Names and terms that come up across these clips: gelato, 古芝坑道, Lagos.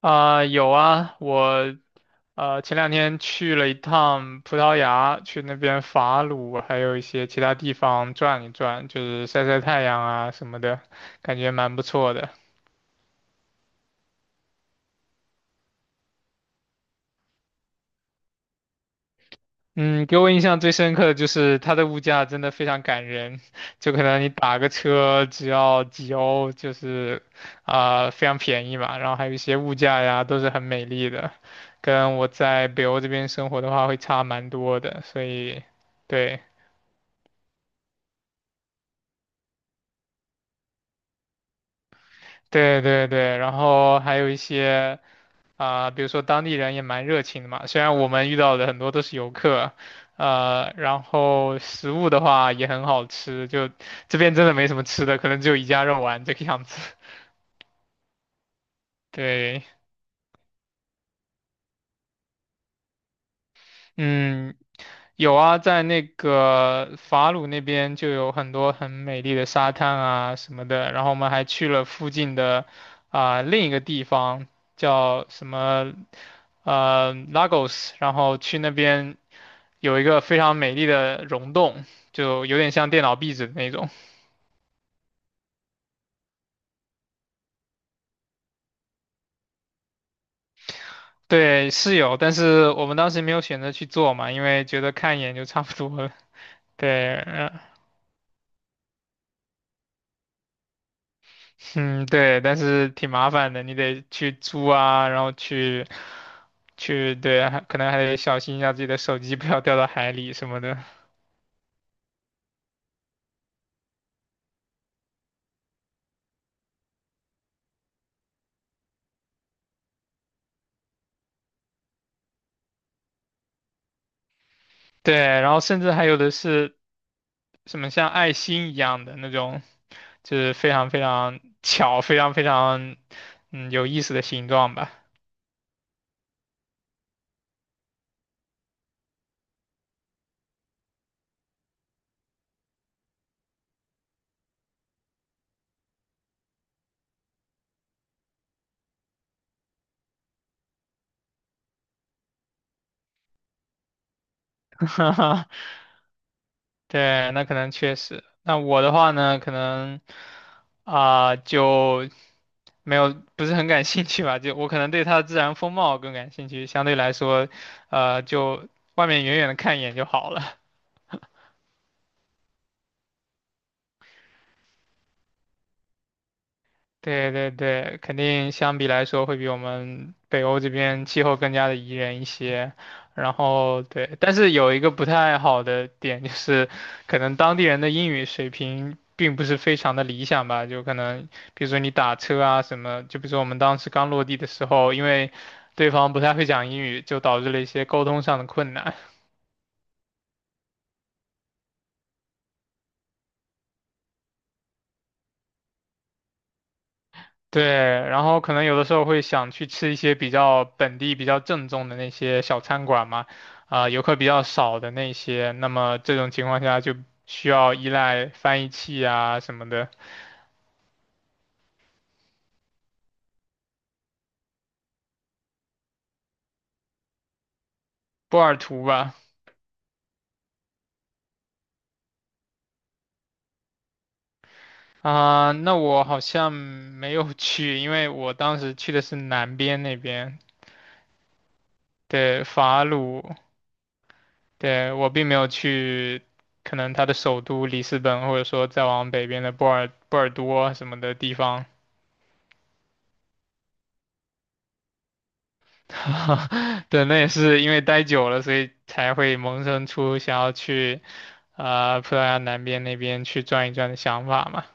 啊、有啊，我前两天去了一趟葡萄牙，去那边法鲁，还有一些其他地方转一转，就是晒晒太阳啊什么的，感觉蛮不错的。嗯，给我印象最深刻的就是它的物价真的非常感人，就可能你打个车只要几欧，就是啊、非常便宜嘛，然后还有一些物价呀都是很美丽的，跟我在北欧这边生活的话会差蛮多的，所以对。对对对，然后还有一些啊、比如说当地人也蛮热情的嘛，虽然我们遇到的很多都是游客，然后食物的话也很好吃，就这边真的没什么吃的，可能只有一家肉丸这个样子。对。嗯，有啊，在那个法鲁那边就有很多很美丽的沙滩啊什么的，然后我们还去了附近的啊、另一个地方叫什么Lagos,然后去那边有一个非常美丽的溶洞，就有点像电脑壁纸的那种。对，是有，但是我们当时没有选择去做嘛，因为觉得看一眼就差不多了。对，嗯嗯，对，但是挺麻烦的，你得去租啊，然后去对，还可能还得小心一下自己的手机不要掉到海里什么的。对，然后甚至还有的是什么像爱心一样的那种，就是非常非常巧，非常非常嗯有意思的形状吧。对，那可能确实。那我的话呢，可能啊、就没有不是很感兴趣吧，就我可能对它的自然风貌更感兴趣，相对来说，就外面远远的看一眼就好了。对对对，肯定相比来说会比我们北欧这边气候更加的宜人一些。然后对，但是有一个不太好的点就是，可能当地人的英语水平并不是非常的理想吧。就可能比如说你打车啊什么，就比如说我们当时刚落地的时候，因为对方不太会讲英语，就导致了一些沟通上的困难。对，然后可能有的时候会想去吃一些比较本地、比较正宗的那些小餐馆嘛，啊、游客比较少的那些，那么这种情况下就需要依赖翻译器啊什么的，波尔图吧。啊、那我好像没有 去，因为我当时去的是南边那边，对，法鲁，对，我并没有去，可能它的首都里斯本，或者说再往北边的波尔多什么的地方。对，那也是因为待久了，所以才会萌生出想要去啊、葡萄牙南边那边去转一转的想法嘛。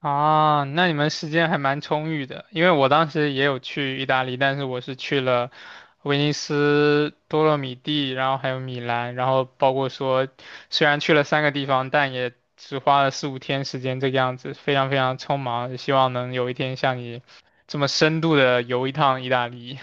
啊，那你们时间还蛮充裕的，因为我当时也有去意大利，但是我是去了威尼斯、多洛米蒂，然后还有米兰，然后包括说虽然去了三个地方，但也只花了四五天时间这个样子，非常非常匆忙，希望能有一天像你这么深度的游一趟意大利。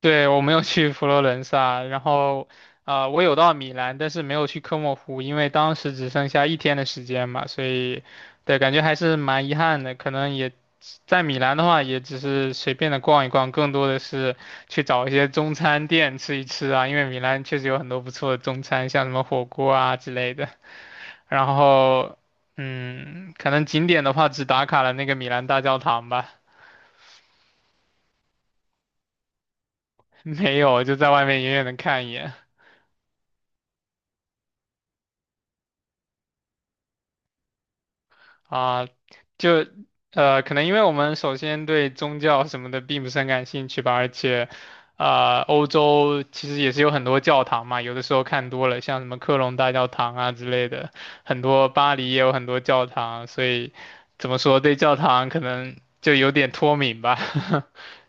对，我没有去佛罗伦萨，然后啊、我有到米兰，但是没有去科莫湖，因为当时只剩下一天的时间嘛，所以对，感觉还是蛮遗憾的。可能也在米兰的话，也只是随便的逛一逛，更多的是去找一些中餐店吃一吃啊，因为米兰确实有很多不错的中餐，像什么火锅啊之类的。然后，嗯，可能景点的话，只打卡了那个米兰大教堂吧，没有，就在外面远远的看一眼。啊，就可能因为我们首先对宗教什么的并不是很感兴趣吧，而且，啊，欧洲其实也是有很多教堂嘛，有的时候看多了，像什么科隆大教堂啊之类的，很多巴黎也有很多教堂，所以怎么说对教堂可能就有点脱敏吧。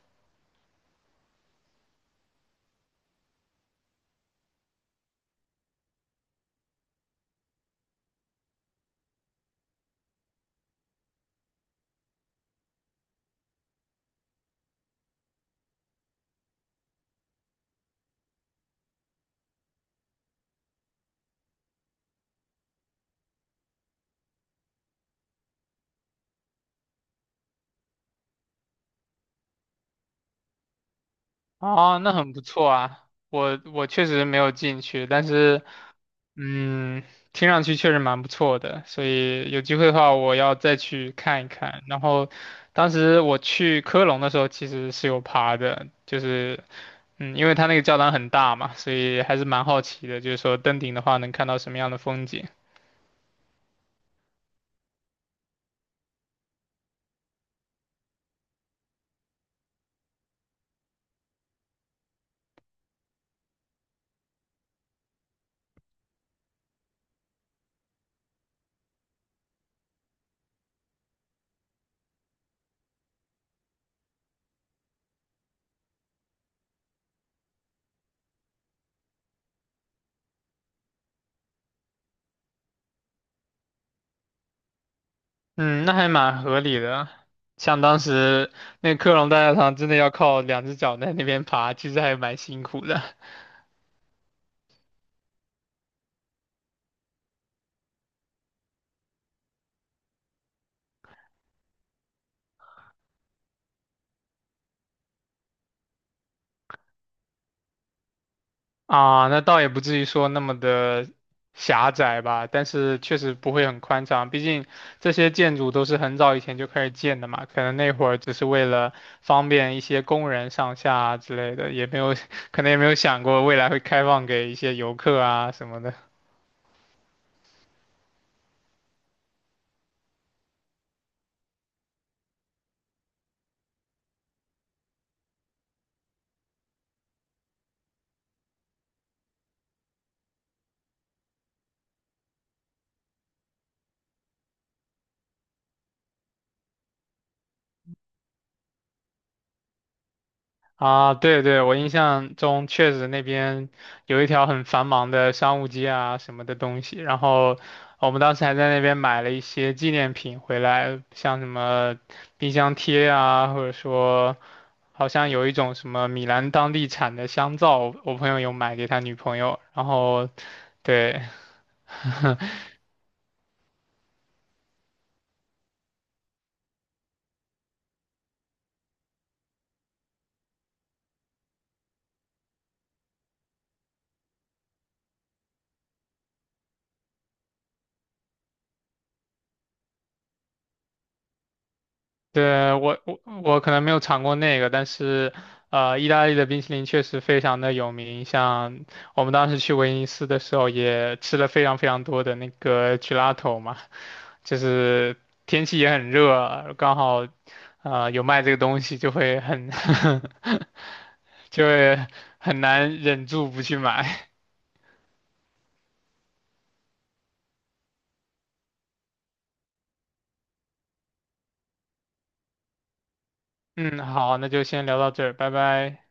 哦，那很不错啊，我确实没有进去，但是。嗯，听上去确实蛮不错的，所以有机会的话，我要再去看一看。然后，当时我去科隆的时候，其实是有爬的，就是，嗯，因为它那个教堂很大嘛，所以还是蛮好奇的，就是说登顶的话能看到什么样的风景。嗯，那还蛮合理的。像当时那个科隆大教堂，真的要靠两只脚在那边爬，其实还蛮辛苦的。啊，那倒也不至于说那么的狭窄吧，但是确实不会很宽敞，毕竟这些建筑都是很早以前就开始建的嘛，可能那会儿只是为了方便一些工人上下啊之类的，也没有，可能也没有想过未来会开放给一些游客啊什么的。啊，对对，我印象中确实那边有一条很繁忙的商务街啊什么的东西，然后我们当时还在那边买了一些纪念品回来，像什么冰箱贴啊，或者说好像有一种什么米兰当地产的香皂，我朋友有买给他女朋友，然后对。对，我可能没有尝过那个，但是，意大利的冰淇淋确实非常的有名。像我们当时去威尼斯的时候，也吃了非常非常多的那个 gelato 嘛，就是天气也很热，刚好，有卖这个东西，就会很 就会很难忍住不去买。嗯，好，那就先聊到这儿，拜拜。